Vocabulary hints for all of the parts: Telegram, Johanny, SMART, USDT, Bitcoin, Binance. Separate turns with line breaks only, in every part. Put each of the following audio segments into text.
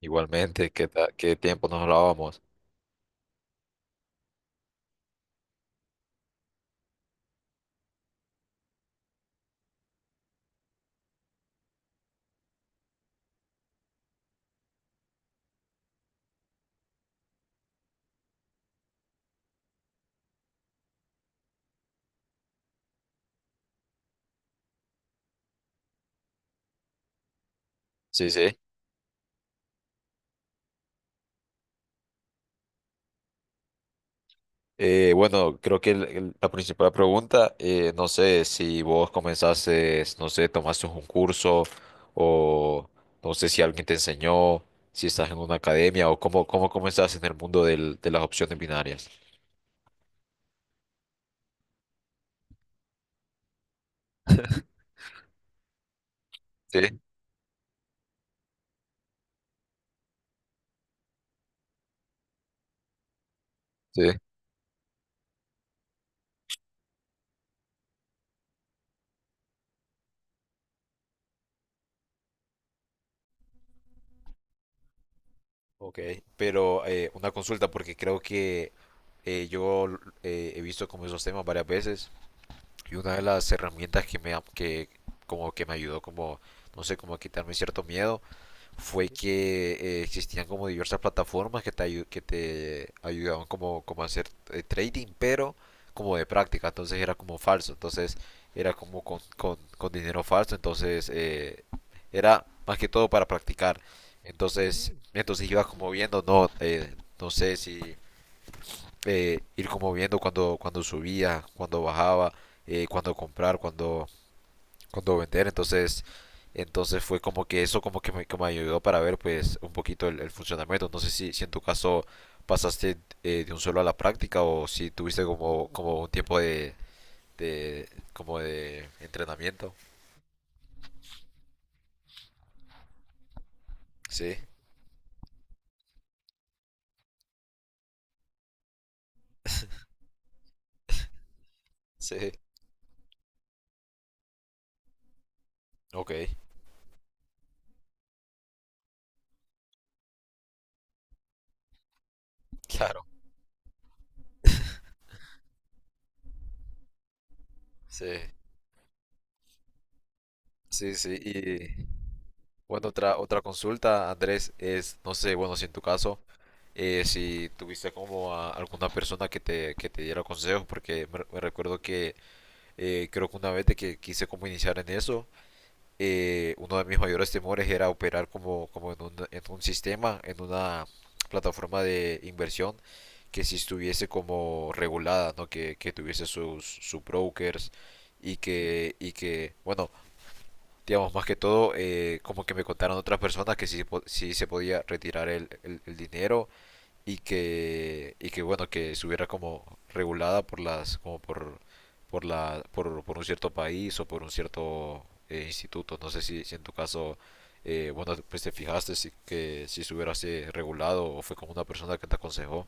Igualmente, ¿qué, qué tiempo nos hablábamos? Sí, sí. Bueno, creo que la principal pregunta, no sé, si vos comenzaste, no sé, tomaste un curso o no sé si alguien te enseñó, si estás en una academia o cómo, cómo comenzaste en el mundo de las opciones binarias. Sí, sí. Ok, pero una consulta porque creo que yo he visto como esos temas varias veces. Y una de las herramientas que me, que, como que me ayudó como, no sé, como a quitarme cierto miedo, fue que existían como diversas plataformas que te, que te ayudaban como, como a hacer trading, pero como de práctica, entonces era como falso, entonces era como con dinero falso, entonces era más que todo para practicar. Entonces, entonces iba como viendo, no, no sé si ir como viendo cuando, cuando subía, cuando bajaba, cuando comprar, cuando, cuando vender. Entonces, entonces fue como que eso como que me ayudó para ver pues un poquito el funcionamiento. No sé si, si en tu caso pasaste de un solo a la práctica o si tuviste como, como un tiempo de como de entrenamiento. Sí, sí, ok, claro, sí, sí, sí. Y bueno, otra, otra consulta, Andrés, es, no sé, bueno, si en tu caso si tuviste como a alguna persona que te diera consejos, porque me recuerdo que creo que una vez de que quise como iniciar en eso, uno de mis mayores temores era operar como, como en un sistema, en una plataforma de inversión que si estuviese como regulada, ¿no? Que tuviese sus, sus brokers y que, bueno, digamos, más que todo, como que me contaron otras personas que sí, sí se podía retirar el, el dinero y que bueno, que estuviera como regulada por las, como por la, por un cierto país o por un cierto instituto. No sé si, si en tu caso, bueno, pues te fijaste si, que si estuviera así regulado o fue como una persona que te aconsejó.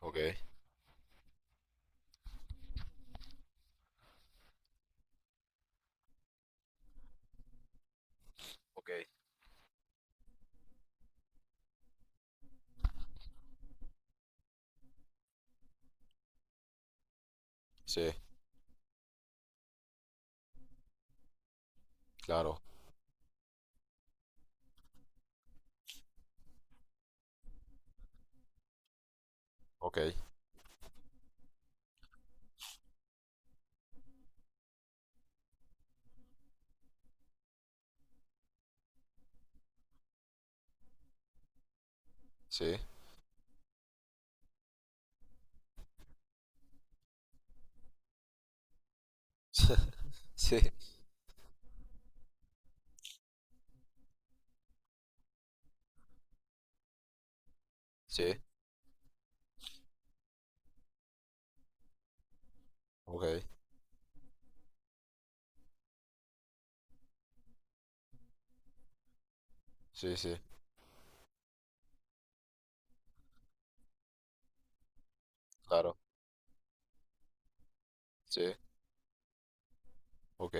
Ok, ok, sí, claro, ok, sí, sí, sí, ok, sí, sí, claro, sí, ok,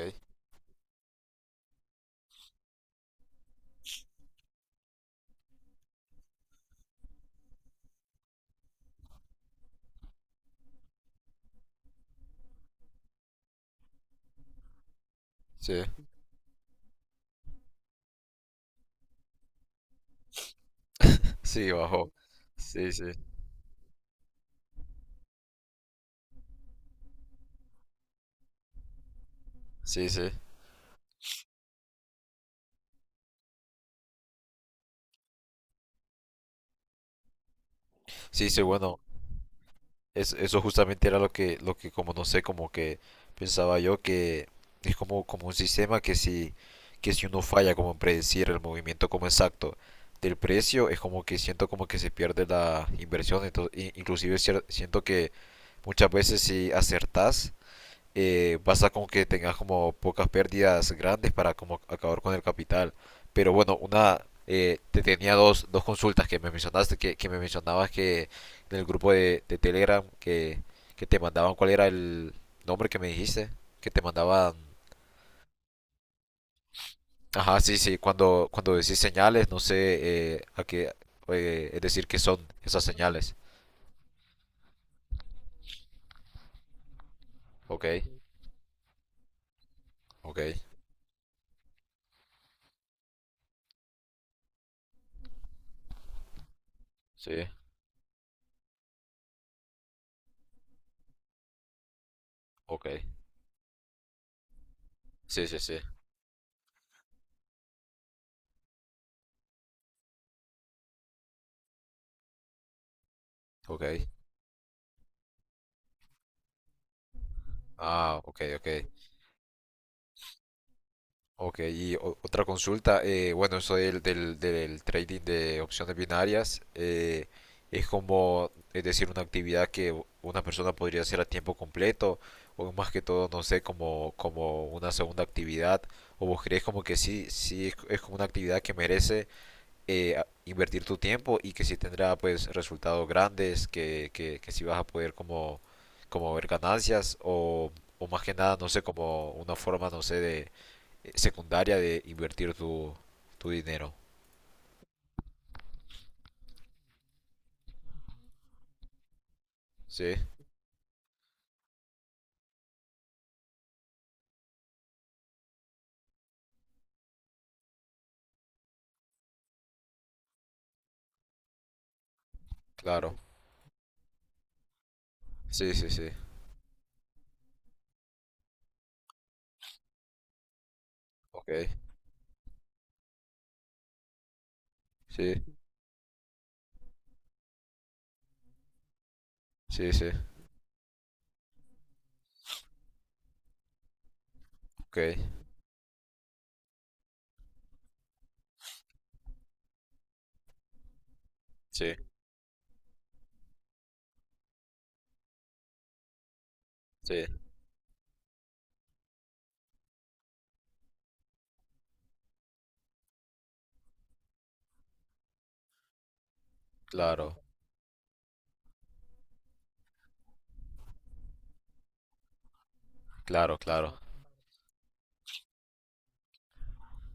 sí, sí, bajo, sí, sí, sí, sí, sí, sí, bueno, eso justamente era lo que como no sé, como que pensaba yo que es como, como un sistema que si uno falla como en predecir el movimiento como exacto del precio, es como que siento como que se pierde la inversión, entonces, inclusive siento que muchas veces si acertás, basta con que tengas como pocas pérdidas grandes para como acabar con el capital. Pero bueno, una te tenía dos, dos consultas que me mencionaste, que me mencionabas que en el grupo de Telegram que te mandaban, ¿cuál era el nombre que me dijiste? Que te mandaban... Ajá, sí, sí, cuando, cuando decís señales, no sé a qué, es decir, qué son esas señales. Ok, ok, sí, ok, sí, sí, sí, ok. Ah, ok, ok. Ok, y otra consulta, bueno, eso del, del, del trading de opciones binarias es como, es decir, una actividad que una persona podría hacer a tiempo completo o más que todo, no sé, como, como una segunda actividad o vos crees como que sí, sí es como una actividad que merece invertir tu tiempo y que sí tendrá pues resultados grandes, que sí vas a poder como, como ver ganancias o más que nada, no sé, como una forma, no sé, de secundaria de invertir tu, tu dinero. Sí, claro. Sí, sí, sí. Ok. Sí, sí, sí. Ok. Sí, sí. Claro, claro, claro.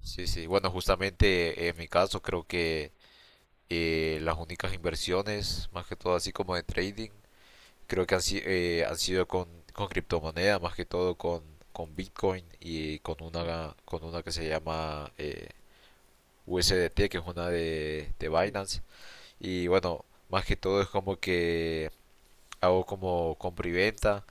Sí, sí. Bueno, justamente en mi caso creo que las únicas inversiones, más que todo así como de trading, creo que han, han sido con criptomonedas, más que todo con Bitcoin y con una que se llama USDT, que es una de Binance. Y bueno, más que todo es como que hago como compra y venta.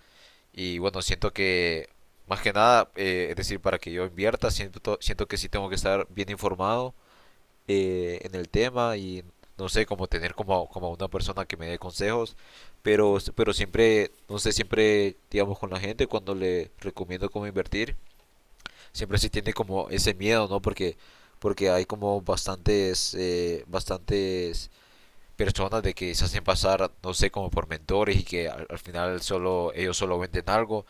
Y bueno, siento que más que nada, es decir, para que yo invierta, siento, siento que sí tengo que estar bien informado en el tema y no sé, como tener como, como una persona que me dé consejos. Pero siempre, no sé, siempre, digamos, con la gente cuando le recomiendo cómo invertir, siempre sí tiene como ese miedo, ¿no? Porque, porque hay como bastantes, bastantes personas de que se hacen pasar, no sé, como por mentores y que al, al final solo ellos solo venden algo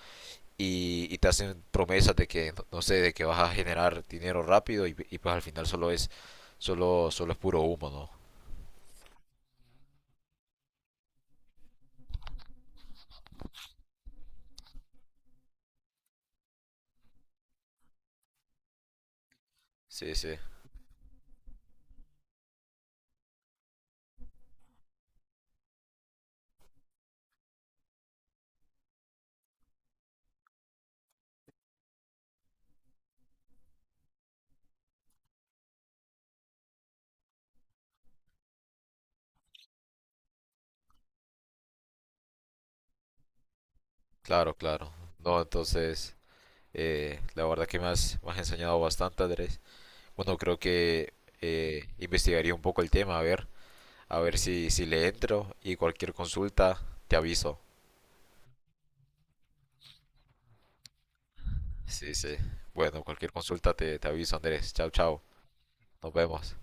y te hacen promesas de que, no sé, de que vas a generar dinero rápido y pues al final solo es, solo, solo es puro humo, ¿no? Sí, sí, claro, claro. No, entonces, la verdad que me has enseñado bastante, Andrés. Bueno, creo que investigaría un poco el tema, a ver si, si le entro y cualquier consulta te aviso. Sí, sí. Bueno, cualquier consulta te, te aviso, Andrés. Chao, chao. Nos vemos.